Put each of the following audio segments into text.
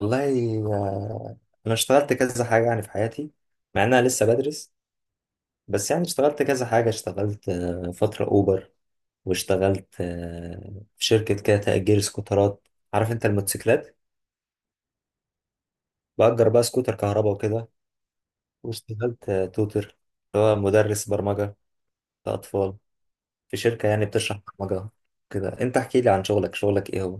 والله آه، انا اشتغلت كذا حاجه يعني في حياتي، مع ان انا لسه بدرس. بس يعني اشتغلت كذا حاجه، اشتغلت فتره اوبر، واشتغلت في شركه كده تأجير سكوترات، عارف انت الموتوسيكلات، بأجر بقى سكوتر كهرباء وكده. واشتغلت توتر، اللي هو مدرس برمجه لأطفال، في شركه يعني بتشرح برمجه كده. انت احكي لي عن شغلك شغلك ايه هو؟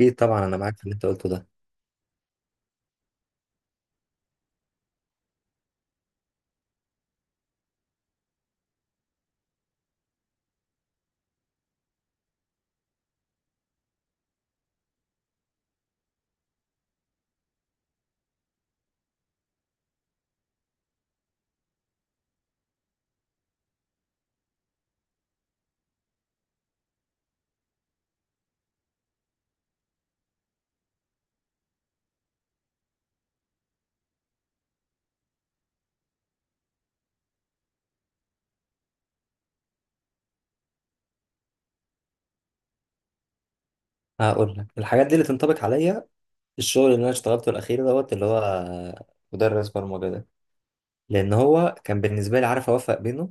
اكيد طبعا انا معاك في اللي انت قلته ده. هقول لك الحاجات دي اللي تنطبق عليا. الشغل اللي انا اشتغلته الاخير دوت، اللي هو مدرس برمجه ده، لان هو كان بالنسبه لي عارف اوفق بينه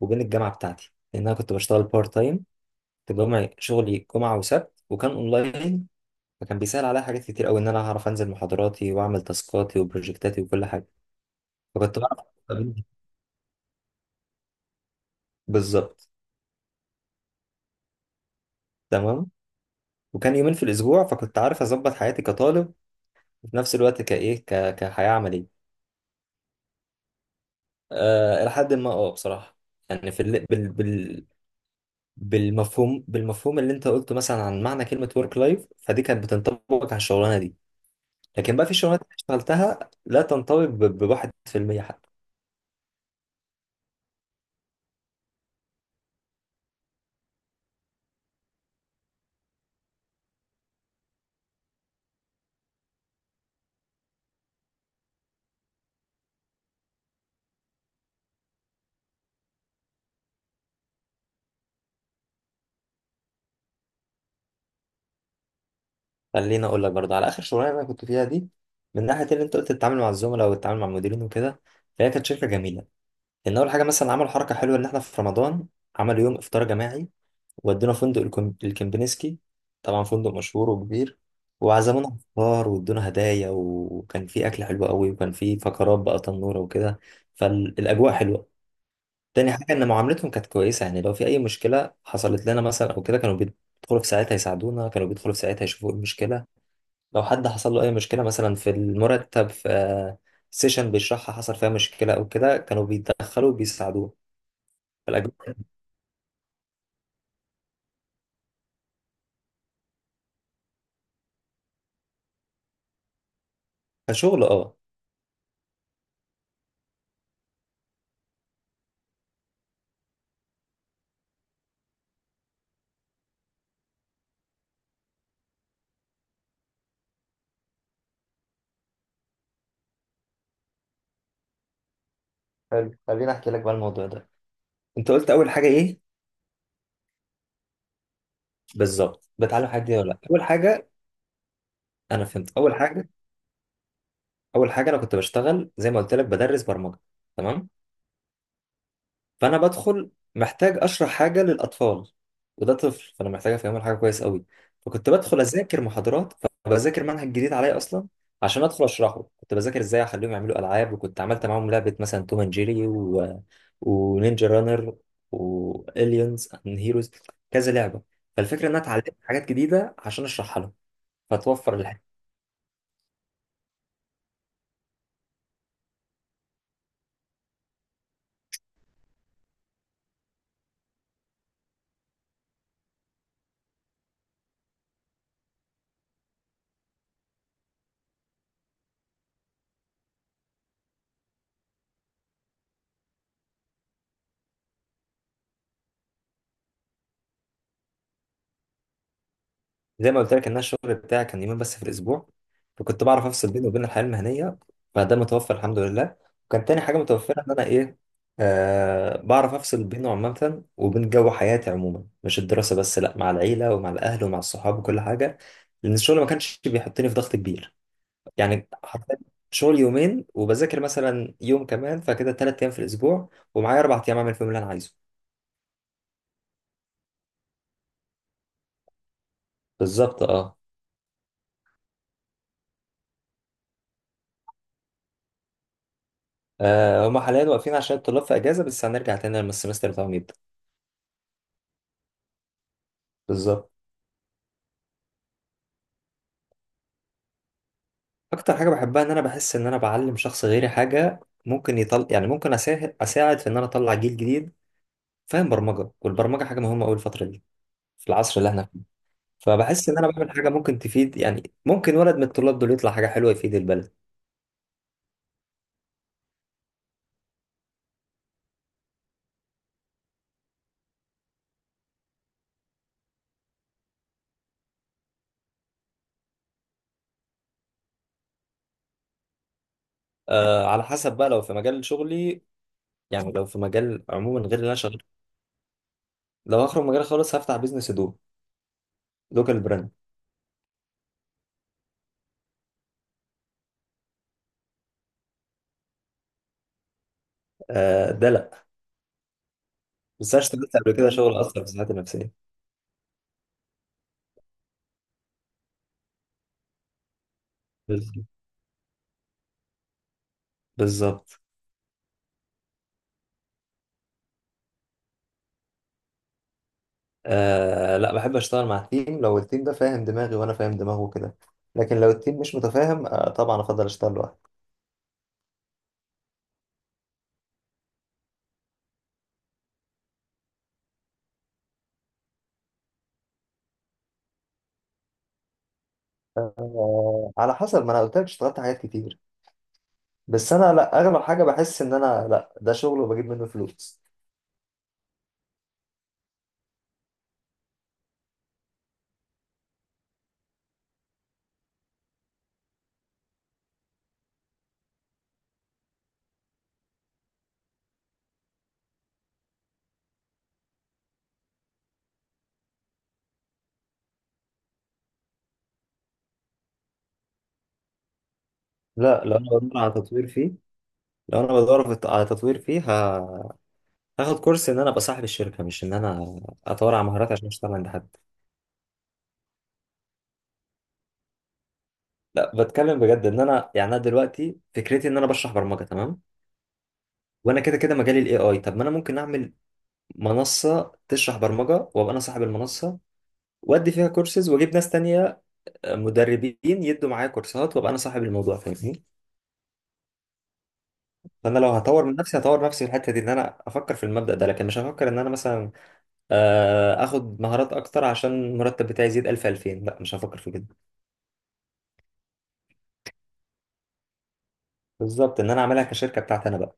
وبين الجامعه بتاعتي، لان انا كنت بشتغل بارت تايم، كنت بجمع شغلي جمعه وسبت وكان اونلاين. فكان بيسهل عليا حاجات كتير قوي، ان انا هعرف انزل محاضراتي واعمل تاسكاتي وبروجكتاتي وكل حاجه. فكنت بعرف أوفق بينهم. بالظبط. تمام. وكان يومين في الاسبوع، فكنت عارف اظبط حياتي كطالب وفي نفس الوقت كحياه عمليه. لحد ما بصراحه يعني في ال... بال... بال... بالمفهوم بالمفهوم اللي انت قلته مثلا عن معنى كلمة ورك لايف، فدي كانت بتنطبق على الشغلانة دي. لكن بقى في شغلانات انا اشتغلتها لا تنطبق بواحد في المية حتى. خليني اقول لك برضه على اخر شغلانة انا كنت فيها دي، من ناحية اللي انت قلت تتعامل مع الزملاء والتعامل مع المديرين وكده. فهي كانت شركة جميلة، لان اول حاجة مثلا عملوا حركة حلوة، ان احنا في رمضان عملوا يوم افطار جماعي، ودونا فندق الكمبنسكي، طبعا فندق مشهور وكبير، وعزمونا فطار وادونا هدايا، وكان في اكل حلو قوي، وكان في فقرات بقى تنوره وكده. فالاجواء حلوه. تاني حاجه ان معاملتهم كانت كويسه، يعني لو في اي مشكله حصلت لنا مثلا او كده كانوا بيدخلوا في ساعتها يساعدونا، كانوا بيدخلوا في ساعتها يشوفوا ايه المشكله. لو حد حصل له اي مشكله، مثلا في المرتب، في سيشن بيشرحها حصل فيها مشكله او كده، كانوا بيتدخلوا وبيساعدوه. فالاجواء كشغل اه. حلو، خليني احكي لك بقى الموضوع ده. انت قلت اول حاجه ايه؟ بالظبط. بتعلم الحاجات دي ولا لا اول حاجه. انا فهمت اول حاجه. اول حاجه انا كنت بشتغل زي ما قلت لك بدرس برمجه، تمام؟ فانا بدخل محتاج اشرح حاجه للاطفال، وده طفل، فانا محتاج افهمه الحاجه كويس قوي. فكنت بدخل اذاكر محاضرات، فبذاكر منهج جديد عليا اصلا عشان ادخل اشرحه. كنت بذاكر ازاي اخليهم يعملوا العاب، وكنت عملت معاهم لعبه مثلا توم اند جيري ونينجا رانر، واليونز اند هيروز، كذا لعبه. فالفكره ان انا اتعلمت حاجات جديده عشان اشرحها لهم. فتوفر. زي ما قلت لك ان أنا الشغل بتاعي كان يومين بس في الاسبوع، فكنت بعرف افصل بيني وبين الحياه المهنيه. فده متوفر الحمد لله. وكان تاني حاجه متوفره، ان انا ايه، آه بعرف افصل بينه عامه وبين جو حياتي عموما، مش الدراسه بس لا، مع العيله ومع الاهل ومع الصحاب وكل حاجه. لان الشغل ما كانش بيحطني في ضغط كبير. يعني حرفيا شغل يومين، وبذاكر مثلا يوم كمان، فكده ثلاث ايام في الاسبوع، ومعايا اربع ايام اعمل فيهم اللي انا عايزه. بالظبط اه. آه، هما حاليا واقفين عشان الطلاب في اجازه، بس هنرجع تاني لما السمستر بتاعهم يبدا. بالظبط. اكتر حاجه بحبها ان انا بحس ان انا بعلم شخص غيري حاجه، ممكن يطل يعني ممكن اساعد في ان انا اطلع جيل جديد فاهم برمجه، والبرمجه حاجه مهمه قوي الفتره دي في العصر اللي احنا فيه. فبحس ان انا بعمل حاجه ممكن تفيد، يعني ممكن ولد من الطلاب دول يطلع حاجه حلوه يفيد البلد. آه على حسب بقى، لو في مجال شغلي، يعني لو في مجال عموما غير اللي انا شغال، لو هخرج مجال خالص هفتح بيزنس هدوم، لوكال براند. آه ده لا، بس انا اشتغلت قبل كده شغل اثر في صحتي النفسيه. بالظبط، بالظبط. آه لا بحب اشتغل مع التيم لو التيم ده فاهم دماغي وانا فاهم دماغه كده، لكن لو التيم مش متفاهم آه طبعا افضل اشتغل لوحدي. آه على حسب، ما انا قلت لك اشتغلت حاجات كتير، بس انا لا اغلب حاجه بحس ان انا لا ده شغل وبجيب منه فلوس. لا لو انا بدور على تطوير فيه، لو انا بدور في- على تطوير فيه ه- هاخد كورس ان انا ابقى صاحب الشركه، مش ان انا اتطور على مهارات عشان اشتغل عند حد. لا بتكلم بجد، ان انا يعني انا دلوقتي فكرتي ان انا بشرح برمجه تمام، وانا كده كده مجالي الاي اي، طب ما انا ممكن اعمل منصة تشرح برمجة وابقى انا صاحب المنصة، وادي فيها كورسز واجيب ناس تانية، مدربين يدوا معايا كورسات، وابقى انا صاحب الموضوع، فاهمني؟ فانا لو هطور من نفسي هطور نفسي في الحتة دي، ان انا افكر في المبدأ ده، لكن مش هفكر ان انا مثلا اخد مهارات اكتر عشان المرتب بتاعي يزيد 1000 2000، لا مش هفكر في كده. بالظبط ان انا اعملها كشركة بتاعتي انا بقى.